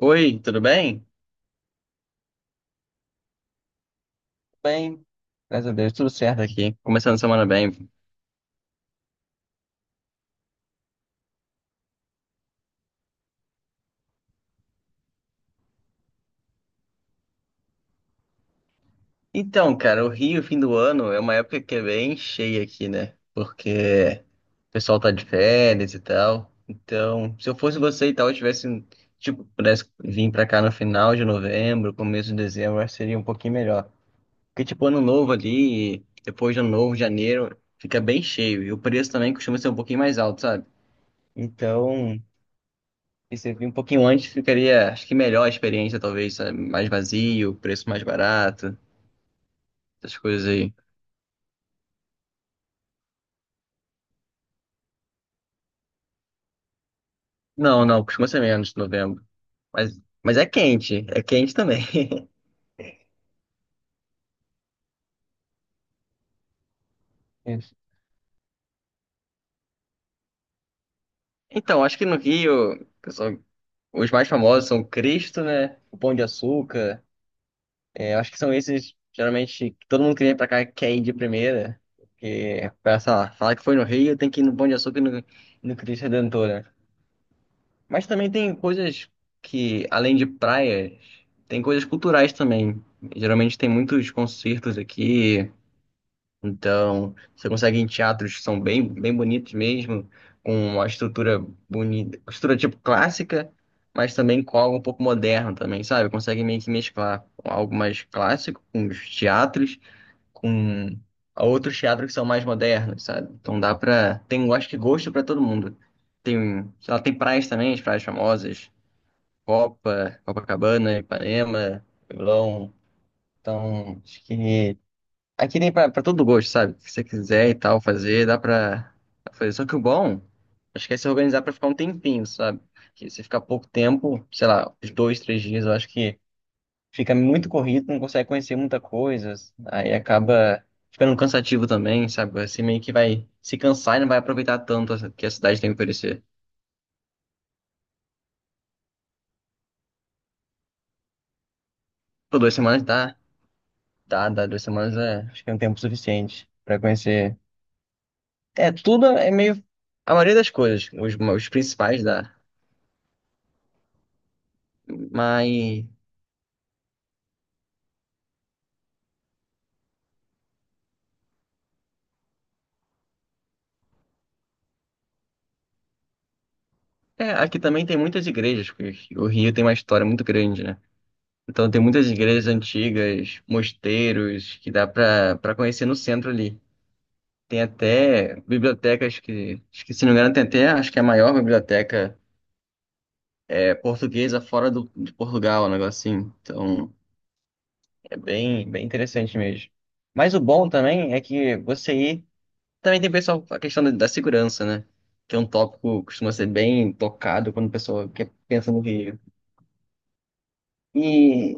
Oi, tudo bem? Bem, graças a Deus, tudo certo aqui. Começando a semana bem. Então, cara, o Rio, fim do ano, é uma época que é bem cheia aqui, né? Porque o pessoal tá de férias e tal. Então, se eu fosse você e tal, eu tivesse, tipo, pudesse vir pra cá no final de novembro, começo de dezembro, eu acho que seria um pouquinho melhor. Porque, tipo, ano novo ali, depois de ano novo, janeiro, fica bem cheio. E o preço também costuma ser um pouquinho mais alto, sabe? Então, e se vir um pouquinho antes, ficaria, acho que melhor a experiência, talvez, sabe? Mais vazio, preço mais barato, essas coisas aí. Não, não, costuma ser menos de novembro. Mas é quente também. Isso. Então, acho que no Rio, pessoal, os mais famosos são Cristo, né? O Pão de Açúcar. É, acho que são esses, geralmente, que todo mundo que vem pra cá quer ir de primeira. Porque, pra, sei lá, falar que foi no Rio, tem que ir no Pão de Açúcar e no Cristo Redentor, né? Mas também tem coisas que, além de praias, tem coisas culturais também. Geralmente tem muitos concertos aqui, então você consegue ir em teatros que são bem, bem bonitos mesmo, com uma estrutura bonita, uma estrutura tipo clássica, mas também com algo um pouco moderno também, sabe? Consegue meio que mesclar algo mais clássico com os teatros, com outros teatros que são mais modernos, sabe? Então dá pra tem, eu acho que gosto pra todo mundo. Tem, sei lá, tem praias também, as praias famosas. Copa, Copacabana, Ipanema, Leblon. Então, acho que aqui tem pra todo gosto, sabe? O que você quiser e tal, fazer, dá pra fazer. Só que o bom, acho que é se organizar pra ficar um tempinho, sabe? Que você ficar pouco tempo, sei lá, uns dois, três dias, eu acho que fica muito corrido, não consegue conhecer muita coisa, aí acaba ficando cansativo também, sabe? Você meio que vai se cansar e não vai aproveitar tanto o que a cidade tem a oferecer. Por duas semanas dá. Tá, dá duas semanas é, acho que é um tempo suficiente pra conhecer. É, tudo é meio. A maioria das coisas, os principais dá. Mas. É, aqui também tem muitas igrejas, porque o Rio tem uma história muito grande, né? Então tem muitas igrejas antigas, mosteiros, que dá pra conhecer no centro ali. Tem até bibliotecas que, acho que se não me engano, tem até, acho que é a maior biblioteca é, portuguesa fora do, de Portugal, um negocinho. Então. É bem, bem interessante mesmo. Mas o bom também é que você ir. Também tem pessoal a questão da segurança, né? Que é um tópico que costuma ser bem tocado quando a pessoa quer, pensa no Rio. E,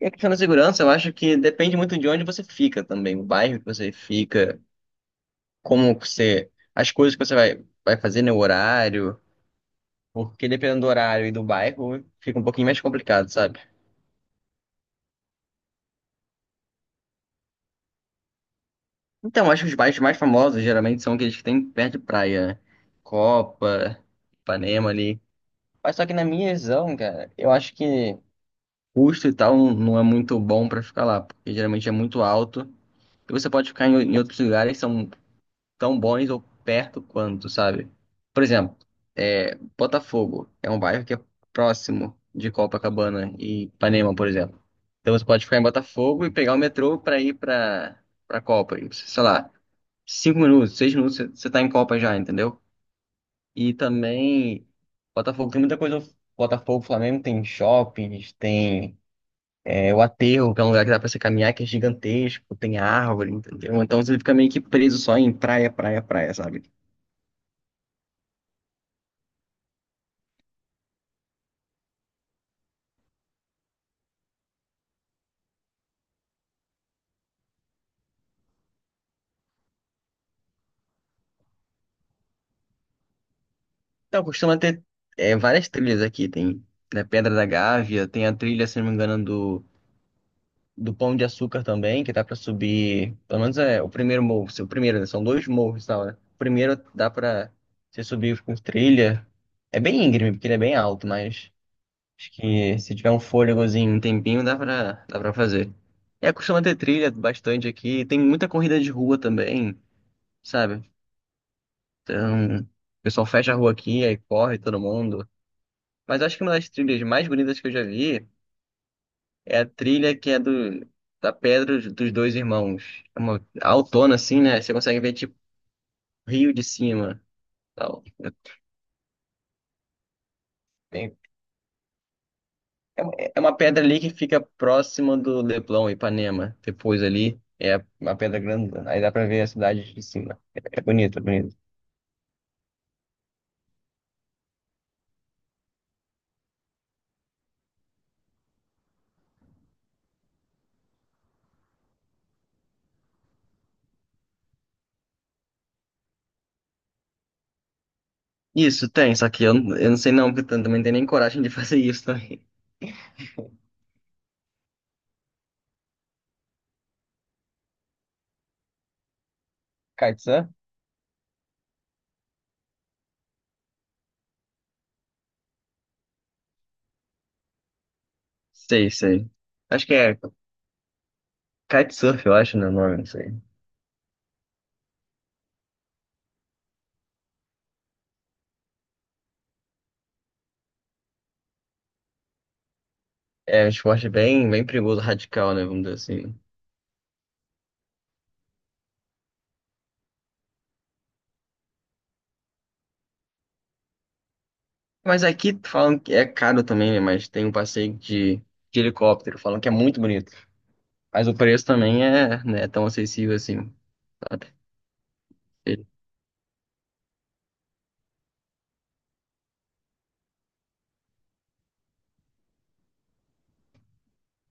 e a questão da segurança, eu acho que depende muito de onde você fica também, o bairro que você fica, como você. As coisas que você vai, vai fazer, né? O horário. Porque dependendo do horário e do bairro, fica um pouquinho mais complicado, sabe? Então, acho que os bairros mais famosos geralmente são aqueles que tem perto de praia, né? Copa, Ipanema ali. Mas só que na minha visão, cara, eu acho que custo e tal não é muito bom pra ficar lá, porque geralmente é muito alto. E você pode ficar em outros lugares que são tão bons ou perto quanto, sabe? Por exemplo, é, Botafogo é um bairro que é próximo de Copacabana e Ipanema, por exemplo. Então você pode ficar em Botafogo e pegar o metrô pra ir pra Copa, e, sei lá cinco minutos, seis minutos, você tá em Copa já, entendeu? E também, Botafogo tem muita coisa. Botafogo, Flamengo tem shoppings, tem é, o aterro, que é um lugar que dá pra você caminhar, que é gigantesco, tem árvore, entendeu? Então você fica meio que preso só em praia, praia, praia, sabe? Então costuma ter é, várias trilhas aqui, tem né, Pedra da Gávea, tem a trilha, se não me engano, do Pão de Açúcar também, que dá pra subir, pelo menos é o primeiro morro, o primeiro, né? São dois morros e tal, né? O primeiro dá pra você subir com trilha. É bem íngreme, porque ele é bem alto, mas acho que se tiver um fôlegozinho, um tempinho, dá pra fazer. É, costuma ter trilha bastante aqui, tem muita corrida de rua também, sabe? Então, o pessoal fecha a rua aqui, aí corre todo mundo. Mas acho que uma das trilhas mais bonitas que eu já vi é a trilha que é do, da Pedra dos Dois Irmãos. É uma altona, assim, né? Você consegue ver, tipo, Rio de cima. Tal. É, Tem- É é uma pedra ali que fica próxima do Leblon, Ipanema. Depois ali é uma pedra grande. Aí dá pra ver a cidade de cima. É bonito, é bonito. Isso, tem. Só que eu não sei não, porque eu também não tenho nem coragem de fazer isso também. Kitesurf? Sei, sei. Acho que é kitesurf, eu acho, né, o nome, não sei. É um esporte bem, bem perigoso, radical, né, vamos dizer assim. Mas aqui falam que é caro também, né? Mas tem um passeio de helicóptero, falam que é muito bonito. Mas o preço também é, né, tão acessível assim, sabe?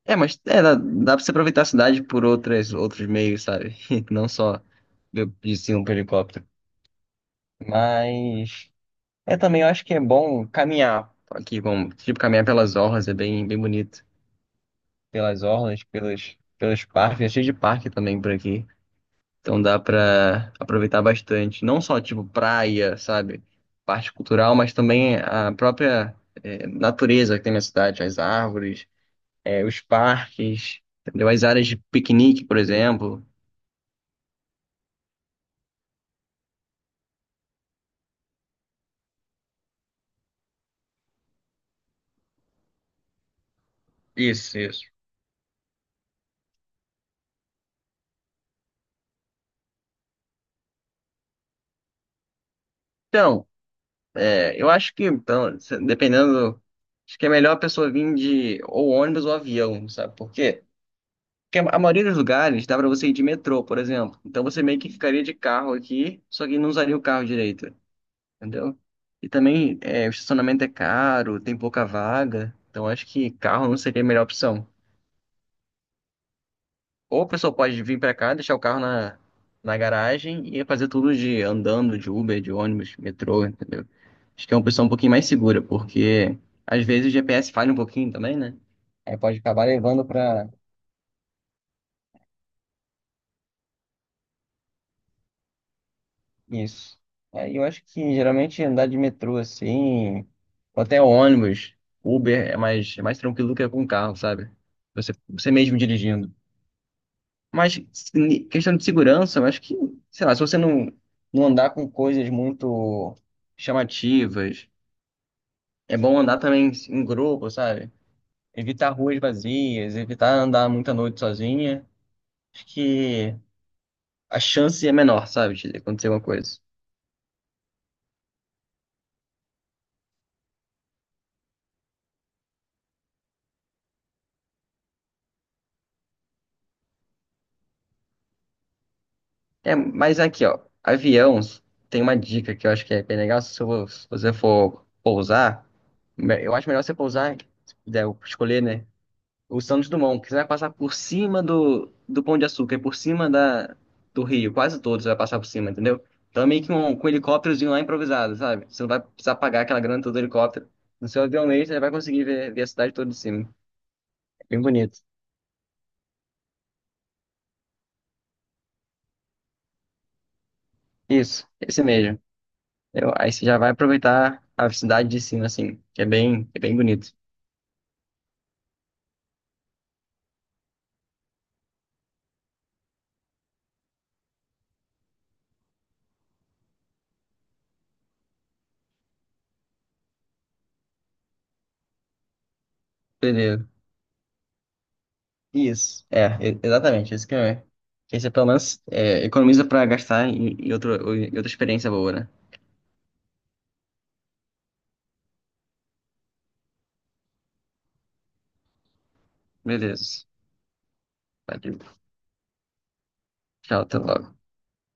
É, mas é, dá, dá pra você aproveitar a cidade por outras, outros meios, sabe? Não só de cima pro helicóptero. Mas é também, eu acho que é bom caminhar aqui, como, tipo, caminhar pelas orlas, é bem, bem bonito. Pelas orlas, pelas, pelos parques, é cheio de parque também por aqui. Então dá pra aproveitar bastante. Não só, tipo, praia, sabe? Parte cultural, mas também a própria é, natureza que tem na cidade, as árvores, é, os parques, entendeu? As áreas de piquenique, por exemplo. Isso, isso. Então, é, eu acho que, então, dependendo, acho que é melhor a pessoa vir de ou ônibus ou avião, sabe por quê? Porque a maioria dos lugares dá pra você ir de metrô, por exemplo. Então você meio que ficaria de carro aqui, só que não usaria o carro direito. Entendeu? E também é, o estacionamento é caro, tem pouca vaga, então acho que carro não seria a melhor opção. Ou a pessoa pode vir pra cá, deixar o carro na garagem e fazer tudo de andando, de Uber, de ônibus, metrô, entendeu? Acho que é uma opção um pouquinho mais segura, porque às vezes o GPS falha um pouquinho também, né? Aí pode acabar levando pra isso. É, eu acho que geralmente andar de metrô assim, ou até ônibus, Uber é mais tranquilo do que com carro, sabe? Você mesmo dirigindo. Mas questão de segurança, eu acho que, sei lá, se você não, não andar com coisas muito chamativas, é bom andar também em grupo, sabe? Evitar ruas vazias, evitar andar muita noite sozinha. Acho que a chance é menor, sabe, de acontecer alguma coisa. É, mas aqui, ó, avião, tem uma dica que eu acho que é bem legal, se você for pousar, eu acho melhor você pousar, se puder escolher, né, o Santos Dumont, que você vai passar por cima do Pão de Açúcar, e por cima da, do Rio, quase todos você vai passar por cima, entendeu? Então é meio que um, com um helicópterozinho lá improvisado, sabe? Você não vai precisar pagar aquela grana toda do helicóptero. No seu avião mesmo, você vai conseguir ver, ver a cidade toda de cima. É bem bonito. Isso, esse mesmo. Aí você já vai aproveitar a cidade de cima, assim, que é bem bonito. Beleza. Isso. É, exatamente, isso que é. Que aí você pelo menos é, economiza pra gastar em, em, outro, em outra experiência boa, né? Beleza. Valeu. Tchau, até logo.